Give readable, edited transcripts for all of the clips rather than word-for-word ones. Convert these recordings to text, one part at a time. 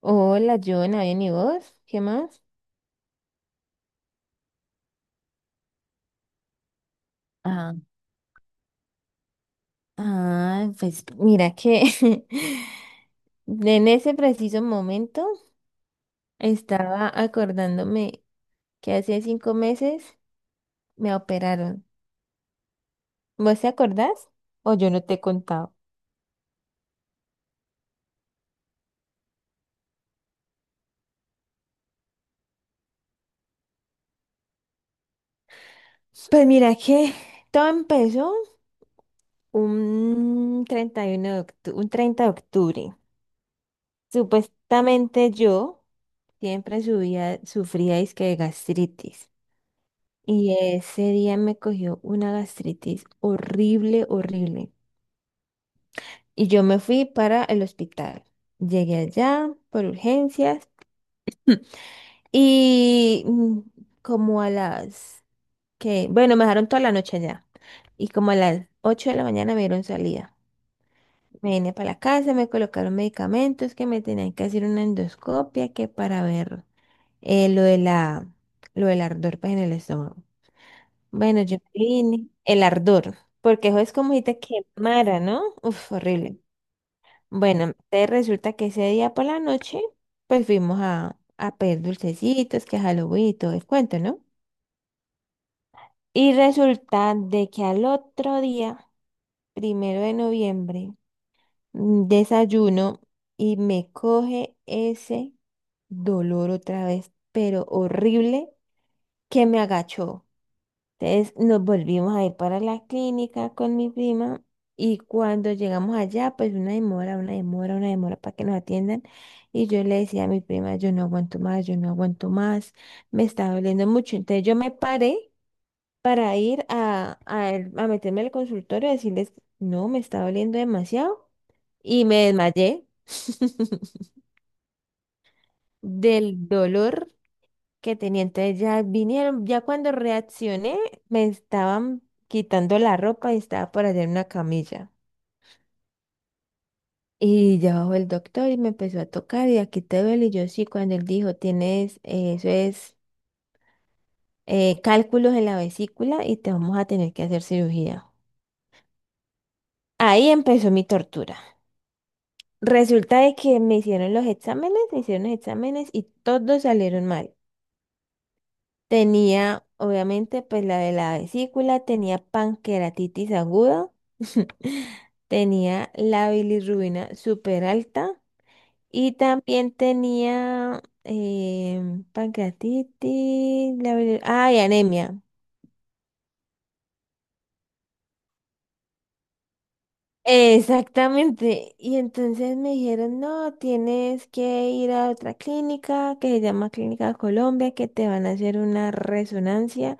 Hola, Jonah, bien, ¿y vos? ¿Qué más? Ah, pues mira que en ese preciso momento estaba acordándome que hace 5 meses me operaron. ¿Vos te acordás? O yo no te he contado. Pues mira que todo empezó un 30 de octubre. Supuestamente yo siempre subía, sufría disque de gastritis. Y ese día me cogió una gastritis horrible, horrible. Y yo me fui para el hospital. Llegué allá por urgencias y mm, como a las que, bueno, me dejaron toda la noche allá. Y como a las 8 de la mañana me dieron salida. Me vine para la casa, me colocaron medicamentos que me tenían que hacer una endoscopia que para ver eh, lo de la, lo del ardor pues, en el estómago. Bueno, yo vine el ardor, porque eso es como si te quemara, ¿no? Uf, horrible. Bueno, entonces resulta que ese día por la noche, pues fuimos a pedir dulcecitos, que Halloween y todo el cuento, ¿no? Y resulta de que al otro día, primero de noviembre, desayuno y me coge ese dolor otra vez, pero horrible, que me agachó. Entonces nos volvimos a ir para la clínica con mi prima y cuando llegamos allá, pues una demora, una demora, una demora para que nos atiendan. Y yo le decía a mi prima, yo no aguanto más, yo no aguanto más, me está doliendo mucho. Entonces yo me paré para ir a meterme al consultorio y decirles, no, me está doliendo demasiado. Y me desmayé del dolor que tenía. Entonces ya vinieron, ya cuando reaccioné, me estaban quitando la ropa y estaba por allá en una camilla. Y ya bajó el doctor y me empezó a tocar y aquí te duele. Y yo sí, cuando él dijo, tienes, eso es cálculos en la vesícula y te vamos a tener que hacer cirugía. Ahí empezó mi tortura. Resulta de que me hicieron los exámenes, me hicieron los exámenes y todos salieron mal. Tenía, obviamente, pues la de la vesícula, tenía pancreatitis aguda, tenía la bilirrubina súper alta y también tenía em, pancreatitis, la bilir- ah, y anemia. Exactamente. Y entonces me dijeron, no, tienes que ir a otra clínica que se llama Clínica Colombia, que te van a hacer una resonancia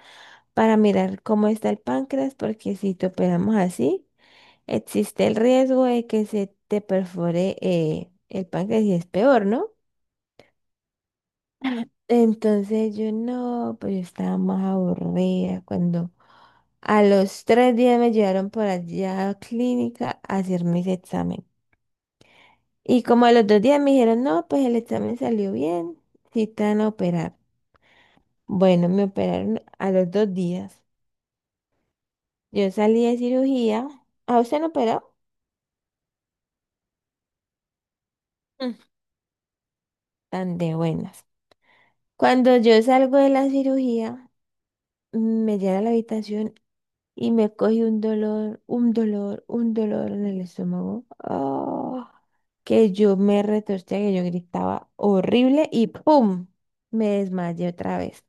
para mirar cómo está el páncreas, porque si te operamos así. Existe el riesgo de que se te perfore el páncreas y es peor, ¿no? Entonces yo no, pues yo estaba más aburrida cuando a los tres días me llevaron por allá a la clínica a hacerme ese examen. Y como a los dos días me dijeron, no, pues el examen salió bien, sí te van a operar. Bueno, me operaron a los dos días. Yo salí de cirugía. ¿A usted no operó? Mm. Tan de buenas. Cuando yo salgo de la cirugía, me llevé a la habitación y me cogí un dolor, un dolor, un dolor en el estómago. Ah, que yo me retorcía, que yo gritaba horrible y ¡pum! Me desmayé otra vez.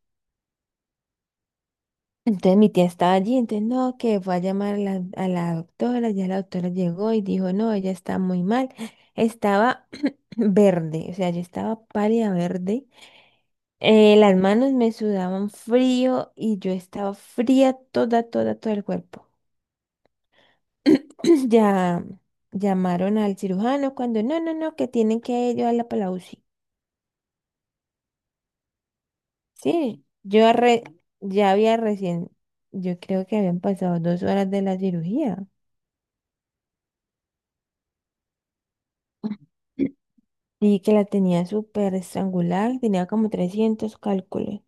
Entonces mi tía estaba allí, entonces no, que fue a llamar a a la doctora, ya la doctora llegó y dijo, no, ella está muy mal. Estaba verde, o sea, yo estaba pálida verde. Las manos me sudaban frío y yo estaba fría toda, toda, todo el cuerpo. Ya llamaron al cirujano cuando no, no, no, que tienen que llevarla para la UCI. Sí, ya había recién, yo creo que habían pasado dos horas de la cirugía, y que la tenía súper estrangular, tenía como 300 cálculos.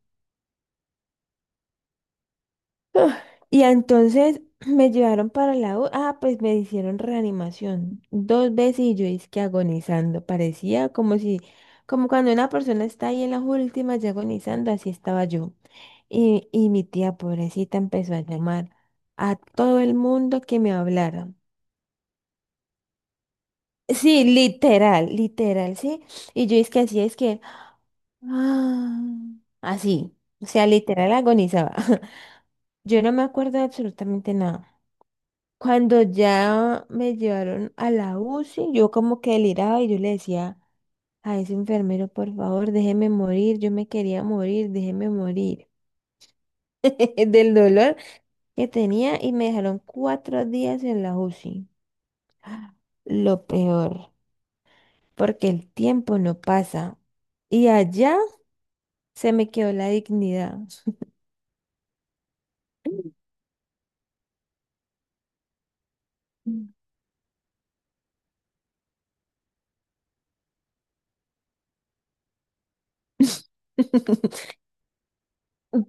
Y entonces me llevaron para la U, ah, pues me hicieron reanimación dos veces y yo es que agonizando, parecía como si, como cuando una persona está ahí en las últimas ya agonizando, así estaba yo. Y mi tía pobrecita empezó a llamar a todo el mundo que me hablara. Sí, literal, literal, sí. Y yo es que así es que, ah, así, o sea, literal agonizaba. Yo no me acuerdo de absolutamente nada. Cuando ya me llevaron a la UCI, yo como que deliraba y yo le decía a ese enfermero, por favor, déjeme morir, yo me quería morir, déjeme morir del dolor que tenía y me dejaron 4 días en la UCI. Lo peor, porque el tiempo no pasa y allá se me quedó la dignidad. Mm.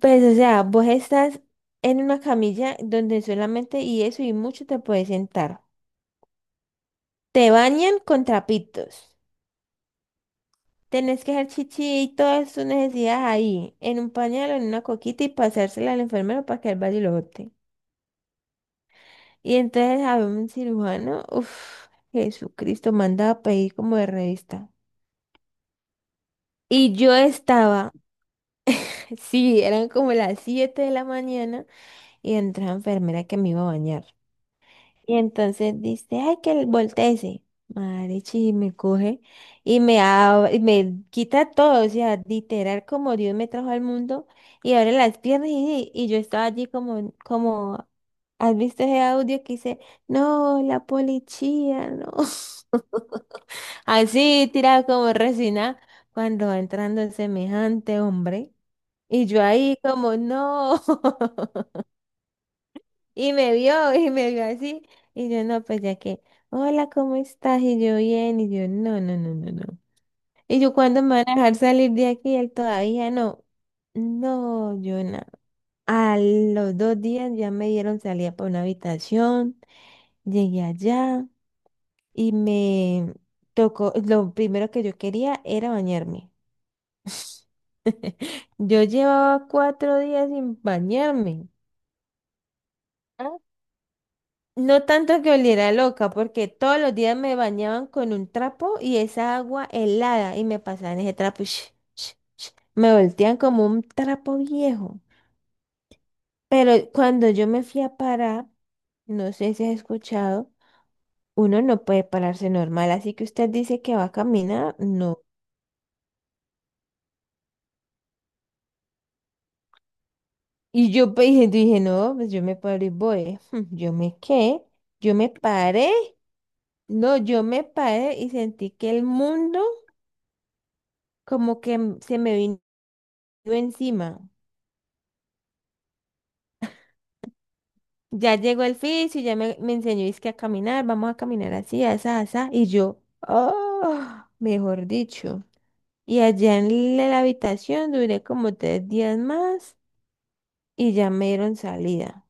Pues, o sea, vos estás en una camilla donde solamente y eso y mucho te puedes sentar. Te bañan con trapitos. Tenés que hacer chichi y todas tus necesidades ahí, en un pañal o en una coquita y pasársela al enfermero para que él vaya y lo bote. Y entonces a un cirujano, uff, Jesucristo, mandaba a pedir como de revista. Y yo estaba, sí, eran como las 7 de la mañana y entró la enfermera que me iba a bañar. Y entonces dice, ay, que volteese. Marichi, y me coge y me, y me quita todo, o sea, literal como Dios me trajo al mundo y abre las piernas y yo estaba allí como, como, ¿has visto ese audio que dice, no, la policía, no? Así, tirada como resina, cuando va entrando semejante hombre. Y yo ahí como, no. Y me vio así. Y yo, no, pues ya que, hola, ¿cómo estás? Y yo, bien. Y yo, no, no, no, no, no. Y yo, ¿cuándo me van a dejar salir de aquí? Y él todavía no. No, yo no. A los dos días ya me dieron salida para una habitación. Llegué allá y me tocó, lo primero que yo quería era bañarme. Yo llevaba 4 días sin bañarme. No tanto que oliera loca, porque todos los días me bañaban con un trapo y esa agua helada y me pasaban ese trapo. Me voltean como un trapo viejo. Pero cuando yo me fui a parar, no sé si has escuchado, uno no puede pararse normal, así que usted dice que va a caminar, no. Y yo pues, dije, no, pues yo me paro y voy. Yo me qué, yo me paré, no, yo me paré y sentí que el mundo como que se me vino yo encima. Ya llegó el fisio, ya me enseñó es que a caminar, vamos a caminar así, asá, asá. Y yo, oh, mejor dicho. Y allá en la habitación duré como tres días más y ya me dieron salida.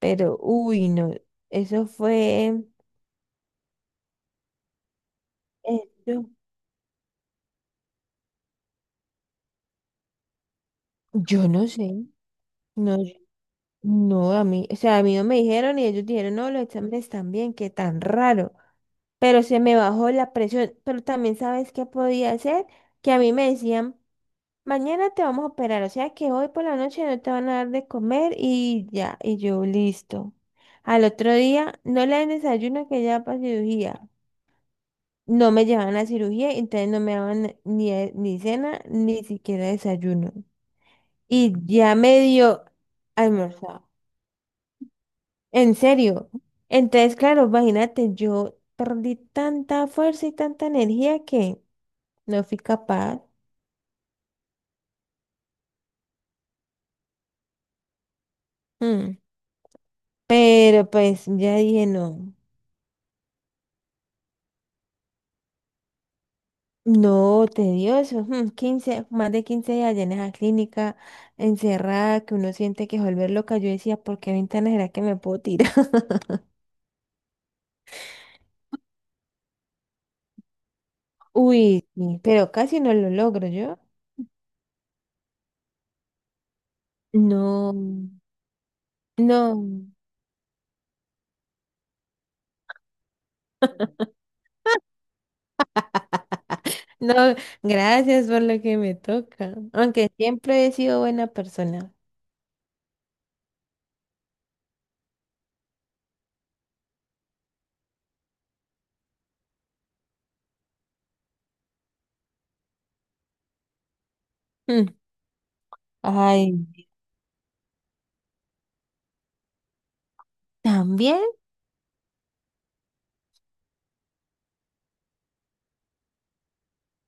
Pero, uy, no, eso fue, eso, yo no sé, no, yo- no, a mí, o sea, a mí no me dijeron y ellos dijeron, no, los exámenes están bien qué tan raro. Pero se me bajó la presión. Pero también sabes qué podía hacer, que a mí me decían, mañana te vamos a operar, o sea que hoy por la noche no te van a dar de comer y ya, y yo listo. Al otro día no le dan desayuno que ya para cirugía. No me llevaban a cirugía, entonces no me daban ni, ni cena, ni siquiera desayuno. Y ya medio dio almorzado. En serio. Entonces, claro, imagínate, yo perdí tanta fuerza y tanta energía que no fui capaz. Mm. Pero pues ya dije, no, no, tedioso. Más de 15 días allá en esa clínica, encerrada, que uno siente que se vuelve loca. Yo decía, ¿por qué ventana será que me puedo tirar? Uy, sí, pero casi no lo logro yo. No, no, no, gracias por lo que me toca. Aunque siempre he sido buena persona. Mm. Ay, también.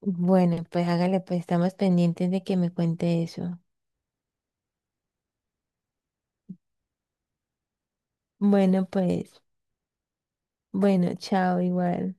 Bueno, pues hágale, pues estamos pendientes de que me cuente eso. Bueno, pues, bueno, chao, igual.